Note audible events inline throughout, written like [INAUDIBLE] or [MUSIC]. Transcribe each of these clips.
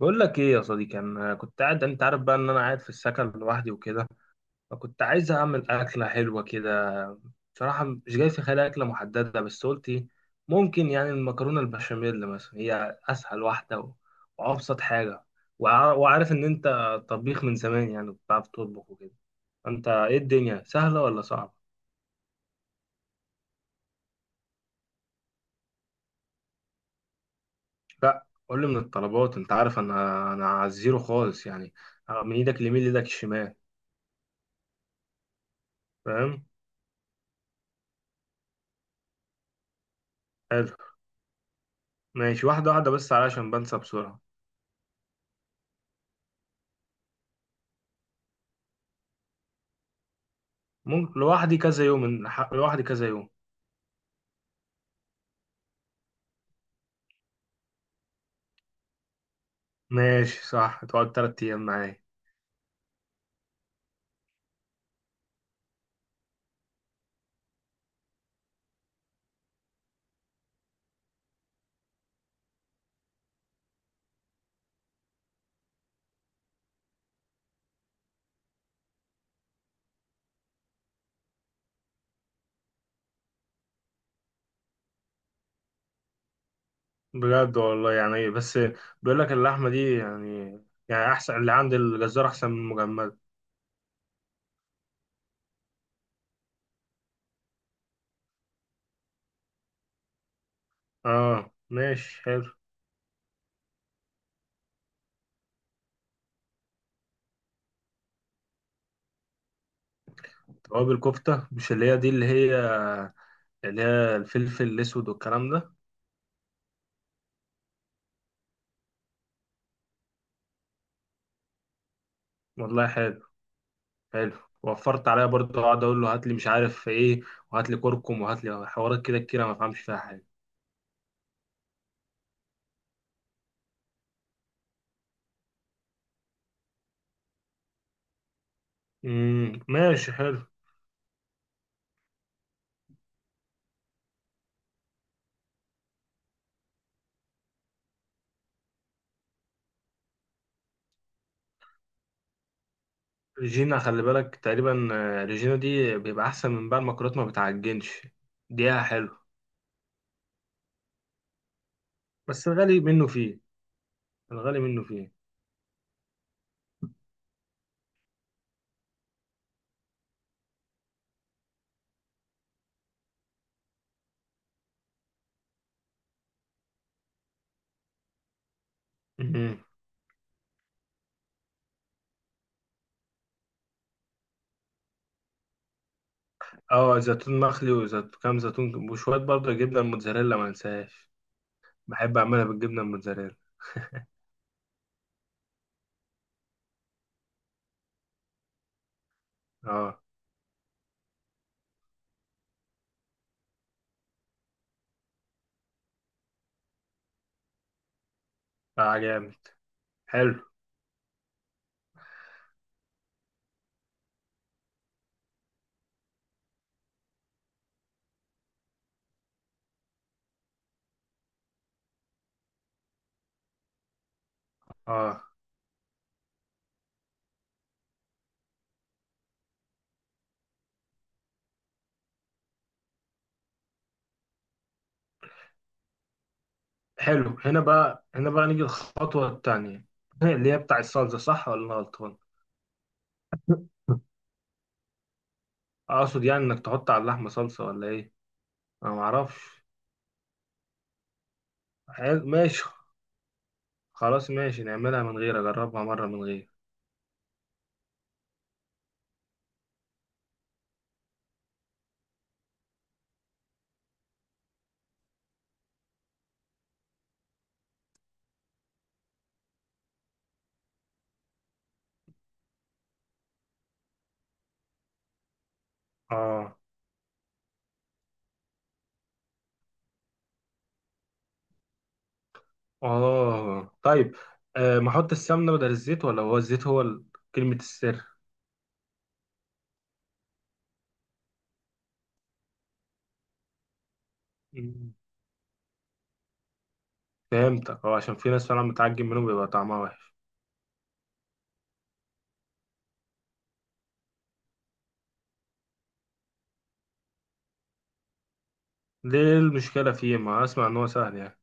بقول لك ايه يا صديقي؟ انا كنت قاعد، انت عارف بقى ان انا قاعد في السكن لوحدي وكده. فكنت عايز اعمل اكله حلوه كده. بصراحه مش جاي في خيالي اكله محدده، بس قلت إيه، ممكن يعني المكرونه البشاميل مثلا هي اسهل واحده وابسط حاجه. وعارف ان انت طبيخ من زمان، يعني بتعرف تطبخ وكده. انت ايه، الدنيا سهله ولا صعبه؟ لا، قول لي من الطلبات، انت عارف انا على الزيرو خالص، يعني من ايدك اليمين لايدك الشمال. فاهم. حلو. ماشي، واحدة واحدة، بس علشان بنسى بسرعة. ممكن لوحدي كذا يوم. ماشي، صح، تقعد 3 أيام معايا. بجد والله، يعني إيه، بس بيقول لك اللحمة دي يعني أحسن، اللي عند الجزار أحسن من المجمدة. آه ماشي حلو. توابل كفتة، مش اللي هي دي، اللي هي الفلفل الأسود والكلام ده. والله حلو، حلو. وفرت عليا برضه أقعد أقول له هات لي مش عارف إيه، وهات لي كركم وهات لي حوارات كده كتير، أنا ما بفهمش فيها حاجة. ماشي حلو. ريجينا خلي بالك، تقريبا ريجينا دي بيبقى احسن من بقى المكرونات، ما بتعجنش، دقيقها حلو. بس الغالي منه فيه، الغالي منه فيه. مهم. اه، زيتون مخلي، وزيتون كام زيتون، وشوية برضه جبنة الموتزاريلا، ما انساهاش. بحب اعملها بالجبنة الموتزاريلا. اه، اه جامد، حلو. اه حلو. هنا بقى، هنا بقى نيجي الخطوة التانية. [LAUGHS] اللي هي بتاع الصلصة، صح ولا انا غلطان؟ [LAUGHS] اقصد يعني انك تحط على اللحمة صلصة ولا ايه؟ انا معرفش. حلو ماشي. خلاص ماشي، نعملها من غير، اجربها مرة من غير. اه، اه طيب. آه، ما احط السمنه بدل الزيت، ولا هو الزيت كلمه السر؟ مم. فهمتك، اه عشان في ناس فعلا متعجب منه بيبقى طعمها وحش. ليه المشكله فيه؟ ما اسمع ان هو سهل يعني.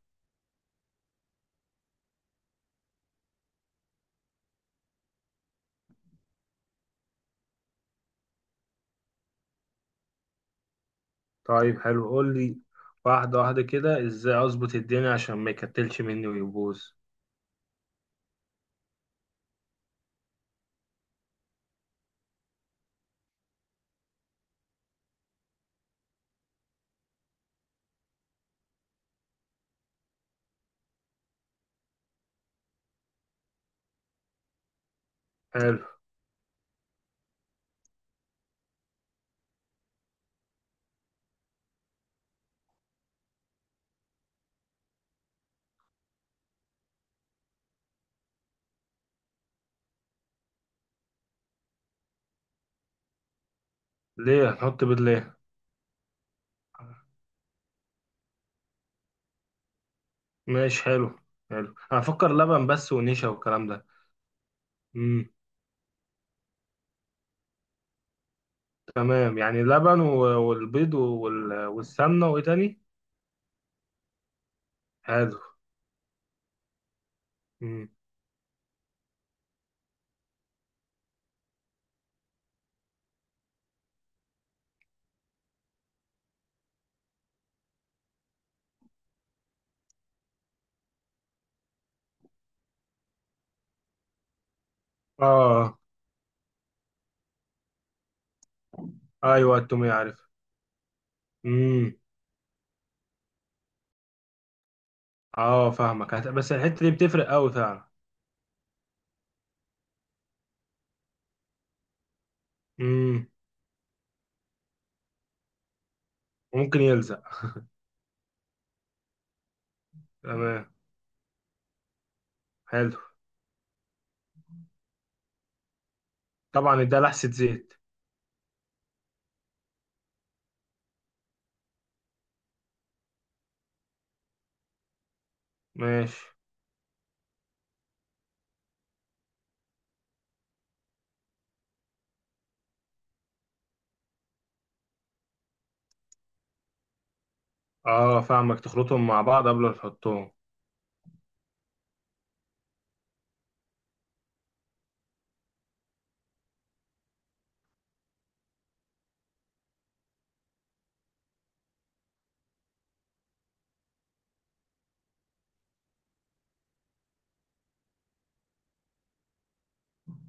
طيب حلو قول لي، واحده واحده كده، ازاي اظبط الدنيا عشان ما يكتلش مني ويبوظ. حلو. ليه هنحط بيض ليه؟ ماشي حلو. حلو، انا افكر لبن بس ونشا والكلام ده. تمام، يعني لبن والبيض والسمنة، وإيه تاني؟ حلو. مم. آه. أيوه التومية عارف. مم. آه فاهمك، بس الحتة دي بتفرق أوي فعلا. مم. ممكن يلزق. تمام. حلو. طبعا ده لحسة زيت. ماشي. آه فاهمك، تخلطهم مع بعض قبل ما تحطهم.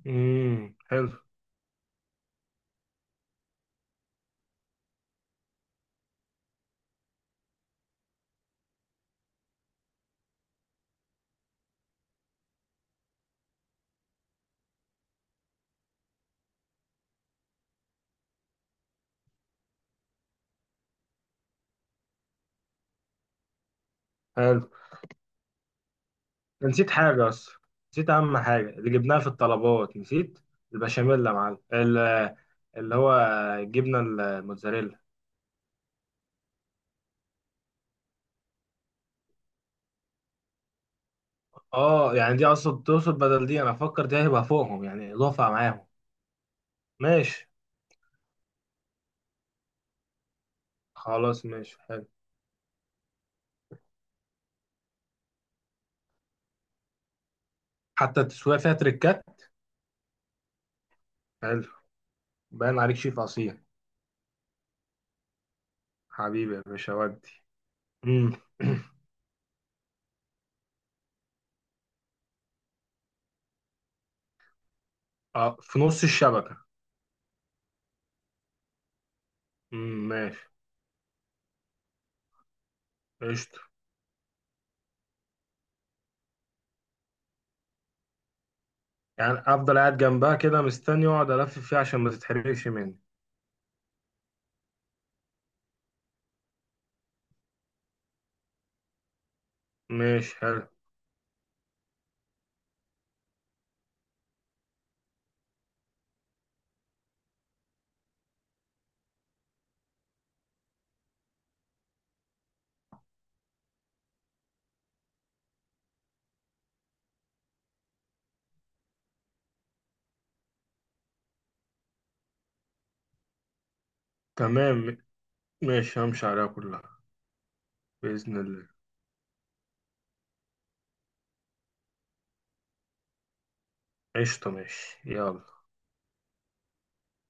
مم. حلو. حلو، نسيت حاجة أصلا. نسيت أهم حاجة اللي جبناها في الطلبات، نسيت البشاميل يا معلم، اللي هو الجبنة الموتزاريلا. اه يعني دي اصلا تقصد، بدل دي انا افكر، دي هيبقى فوقهم يعني اضافه معاهم؟ ماشي. خلاص ماشي حلو. حتى التسويق فيها تريكات. حلو. باين عليك شيف اصيل. حبيبي يا باشا ودي. امم. [CLEARS THROAT] اه، في نص الشبكه. ماشي. قشطه. يعني افضل قاعد جنبها كده، مستني واقعد الف فيها عشان ما تتحرقش مني. ماشي حلو. تمام. ماشي، همشي عليها كلها. باذن الله. قشطه، ماشي، يلا.